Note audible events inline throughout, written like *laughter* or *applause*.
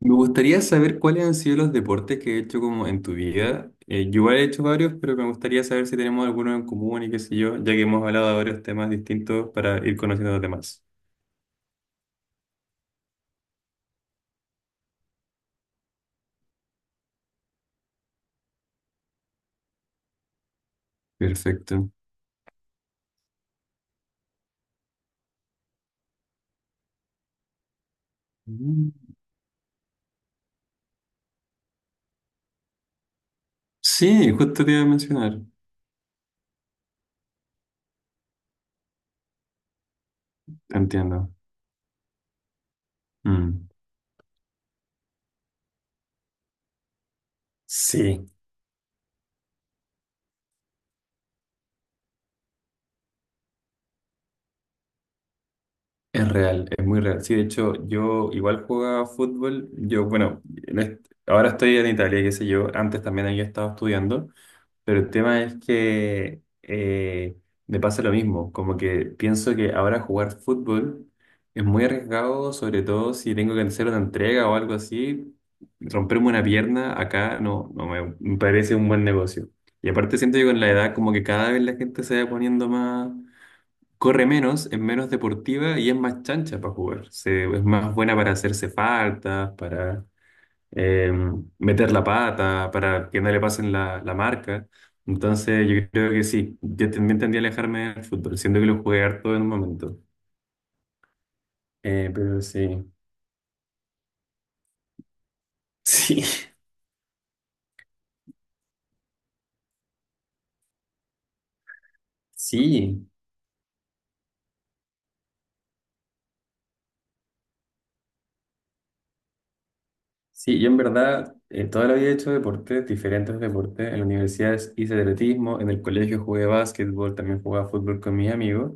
Me gustaría saber cuáles han sido los deportes que he hecho como en tu vida. Yo igual he hecho varios, pero me gustaría saber si tenemos algunos en común y qué sé yo, ya que hemos hablado de varios temas distintos para ir conociendo a los demás. Perfecto. Mm. Sí, justo te iba a mencionar. Entiendo. Mm. Sí, es real, es muy real. Sí, de hecho, yo igual jugaba fútbol. Yo, bueno, ahora estoy en Italia, qué sé yo. Antes también había estado estudiando. Pero el tema es que me pasa lo mismo, como que pienso que ahora jugar fútbol es muy arriesgado, sobre todo si tengo que hacer una entrega o algo así, romperme una pierna acá no, no me parece un buen negocio. Y aparte siento que con la edad como que cada vez la gente se va poniendo más, corre menos, es menos deportiva y es más chancha para jugar. Es más buena para hacerse faltas, para eh, meter la pata para que no le pasen la marca. Entonces yo creo que sí, yo también tendría a alejarme del fútbol, siendo que lo jugué harto en un momento. Pero sí, sí, *laughs* sí, sí, yo en verdad toda la vida he hecho deportes, diferentes deportes. En la universidad hice atletismo, en el colegio jugué básquetbol, también jugaba fútbol con mis amigos.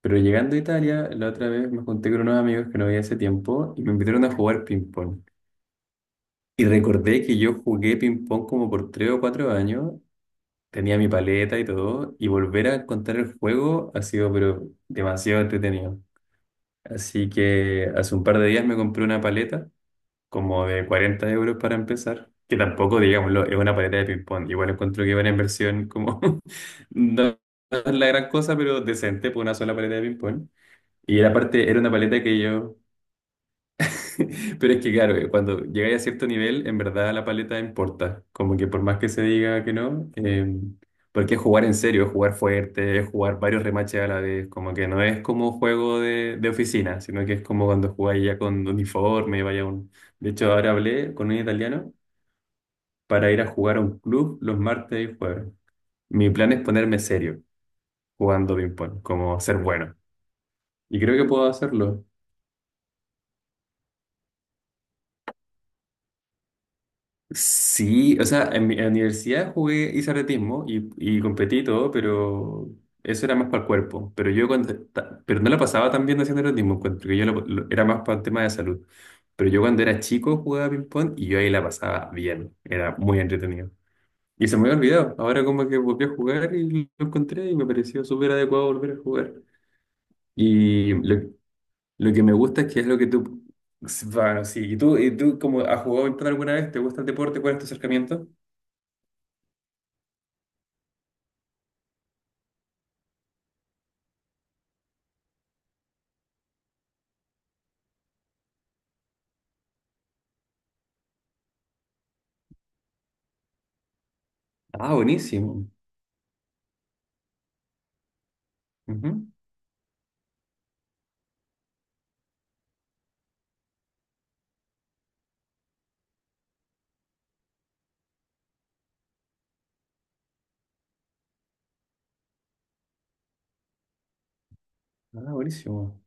Pero llegando a Italia, la otra vez me junté con unos amigos que no había hace tiempo y me invitaron a jugar ping-pong. Y recordé que yo jugué ping-pong como por 3 o 4 años, tenía mi paleta y todo, y volver a encontrar el juego ha sido pero demasiado entretenido. Así que hace un par de días me compré una paleta como de 40 euros para empezar, que tampoco, digámoslo, es una paleta de ping-pong. Igual encuentro que es una inversión como *laughs* no es la gran cosa, pero decente por una sola paleta de ping-pong. Y aparte era una paleta que yo... *laughs* Pero es que claro, cuando llegáis a cierto nivel, en verdad la paleta importa. Como que por más que se diga que no, porque es jugar en serio, es jugar fuerte, es jugar varios remaches a la vez. Como que no es como juego de oficina, sino que es como cuando jugáis ya con uniforme, vaya un... De hecho, ahora hablé con un italiano para ir a jugar a un club los martes y jueves. Mi plan es ponerme serio jugando ping-pong, como ser bueno. Y creo que puedo hacerlo. Sí, o sea, en la universidad jugué, hice atletismo y competí y todo, pero eso era más para el cuerpo. Pero no la pasaba tan bien haciendo atletismo, encuentro que yo era más para el tema de salud. Pero yo cuando era chico jugaba ping-pong y yo ahí la pasaba bien, era muy entretenido. Y se me había olvidado, ahora como que volví a jugar y lo encontré y me pareció súper adecuado volver a jugar. Y lo que me gusta es que es lo que tú... Bueno, sí, y tú como has jugado ping-pong alguna vez, ¿te gusta el deporte? ¿Cuál es tu acercamiento? Ah, buenísimo. Ujú. Ah, buenísimo.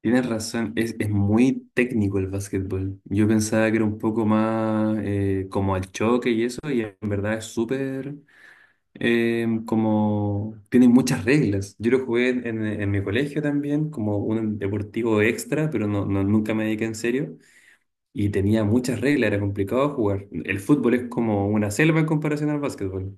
Tienes razón, es muy técnico el básquetbol. Yo pensaba que era un poco más como al choque y eso, y en verdad es súper como... Tiene muchas reglas. Yo lo jugué en mi colegio también, como un deportivo extra, pero nunca me dediqué en serio. Y tenía muchas reglas, era complicado jugar. El fútbol es como una selva en comparación al básquetbol.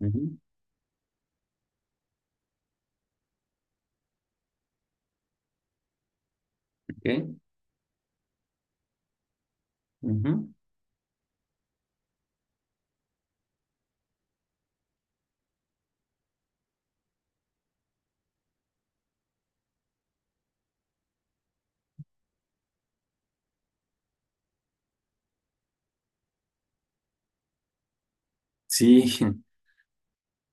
Ujú. Ok. Ujú. Sí, *laughs*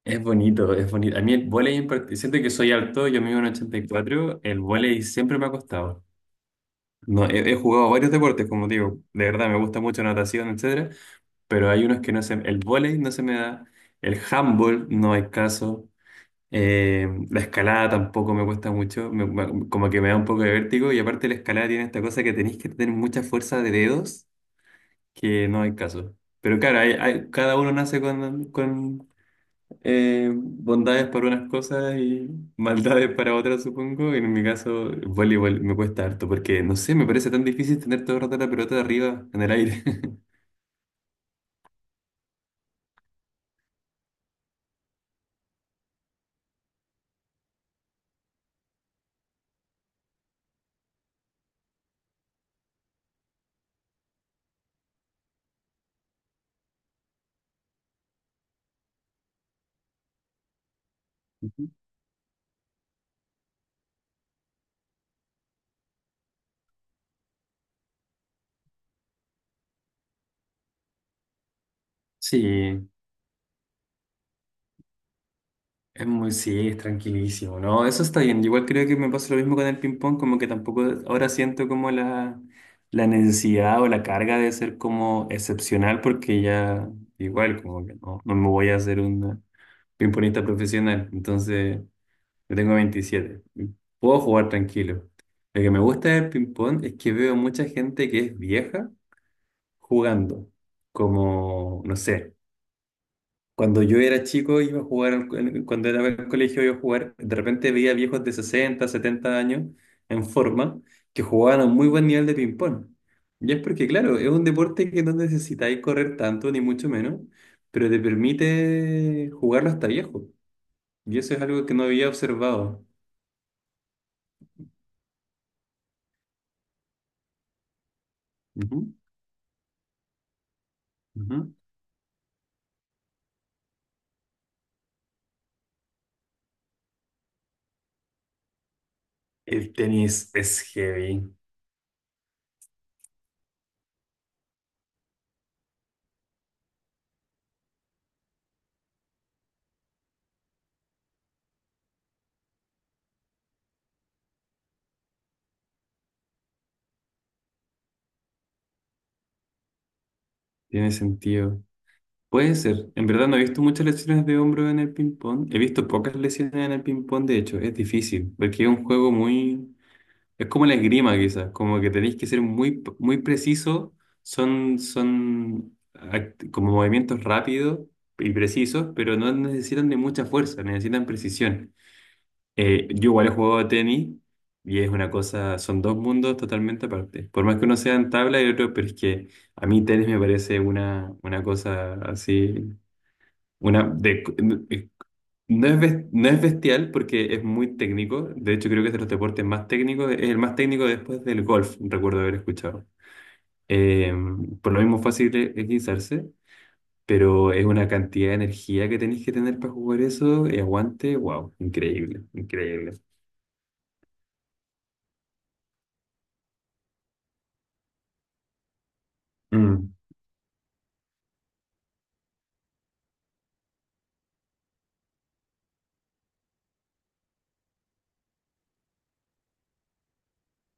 es bonito, es bonito. A mí el vóley en particular, siento que soy alto, yo mido en 84, el vóley siempre me ha costado. No, he jugado varios deportes, como digo, de verdad me gusta mucho natación, etcétera, pero hay unos que no se, el vóley no se me da, el handball no hay caso, la escalada tampoco me cuesta mucho, como que me da un poco de vértigo y aparte la escalada tiene esta cosa que tenéis que tener mucha fuerza de dedos, que no hay caso. Pero claro, cada uno nace con bondades para unas cosas y maldades para otras, supongo. En mi caso, el voleibol me cuesta harto porque, no sé, me parece tan difícil tener todo el rato la pelota arriba en el aire. *laughs* Ujú. Sí, sí, es tranquilísimo, ¿no? Eso está bien. Igual creo que me pasa lo mismo con el ping-pong, como que tampoco ahora siento como la necesidad o la carga de ser como excepcional, porque ya igual, como que no, no me voy a hacer un ping-pongista profesional. Entonces. Yo tengo 27. Puedo jugar tranquilo. Lo que me gusta del ping-pong es que veo mucha gente que es vieja jugando. Como, no sé, cuando yo era chico iba a jugar, cuando era en el colegio iba a jugar, de repente veía viejos de 60 70 años en forma que jugaban a un muy buen nivel de ping-pong. Y es porque, claro, es un deporte que no necesitáis correr tanto, ni mucho menos, pero te permite jugarlo hasta viejo. Y eso es algo que no había observado. Ujú, ujú. El tenis es heavy, tiene sentido. Puede ser. En verdad no he visto muchas lesiones de hombro en el ping-pong. He visto pocas lesiones en el ping-pong, de hecho. Es difícil, porque es un juego muy... Es como la esgrima, quizás. Como que tenéis que ser muy, muy preciso. Son como movimientos rápidos y precisos, pero no necesitan de mucha fuerza, necesitan precisión. Yo igual he jugado tenis y es una cosa, son dos mundos totalmente aparte. Por más que uno sea en tabla y otro, pero es que a mí tenis me parece una cosa así, una de, eh, no es, bes- no es bestial porque es muy técnico. De hecho, creo que es de los deportes más técnicos, es el más técnico después del golf, recuerdo haber escuchado. Eh, por lo mismo fácil equilizarse, pero es una cantidad de energía que tenéis que tener para jugar eso y aguante, wow, increíble, increíble. Mm.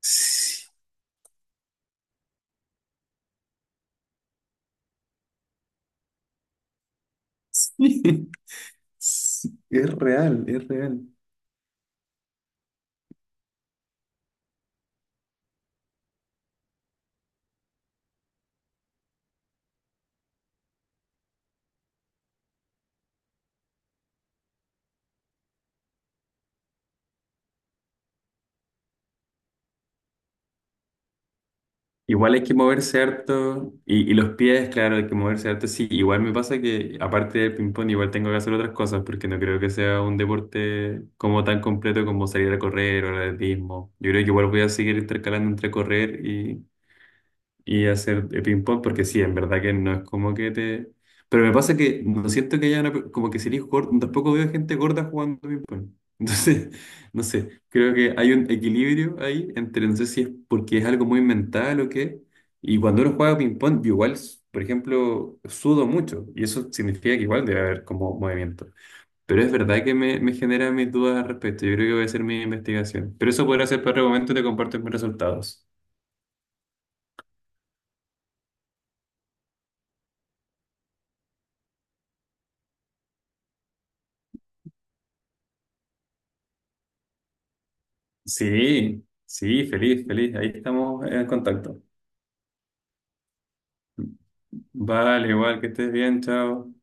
Sí, *laughs* sí, es real, es real. Igual hay que moverse harto y los pies, claro, hay que moverse harto. Sí, igual me pasa que aparte del ping-pong igual tengo que hacer otras cosas porque no creo que sea un deporte como tan completo como salir a correr o el atletismo. Yo creo que igual voy a seguir intercalando entre correr y hacer de ping pong, porque sí, en verdad que no es como que te... Pero me pasa que no siento que haya una... Como que sería gordo, tampoco veo gente gorda jugando ping pong. Entonces, *laughs* no sé, creo que hay un equilibrio ahí entre, no sé si es porque es algo muy mental o qué. Y cuando uno juega ping pong, yo igual, por ejemplo, sudo mucho, y eso significa que igual debe haber como movimiento. Pero es verdad que me genera mis dudas al respecto. Yo creo que voy a hacer mi investigación. Pero eso podrá ser para otro momento y te comparto mis resultados. Sí, sí, feliz, feliz. Ahí estamos en contacto. Vale, igual que estés bien, chao.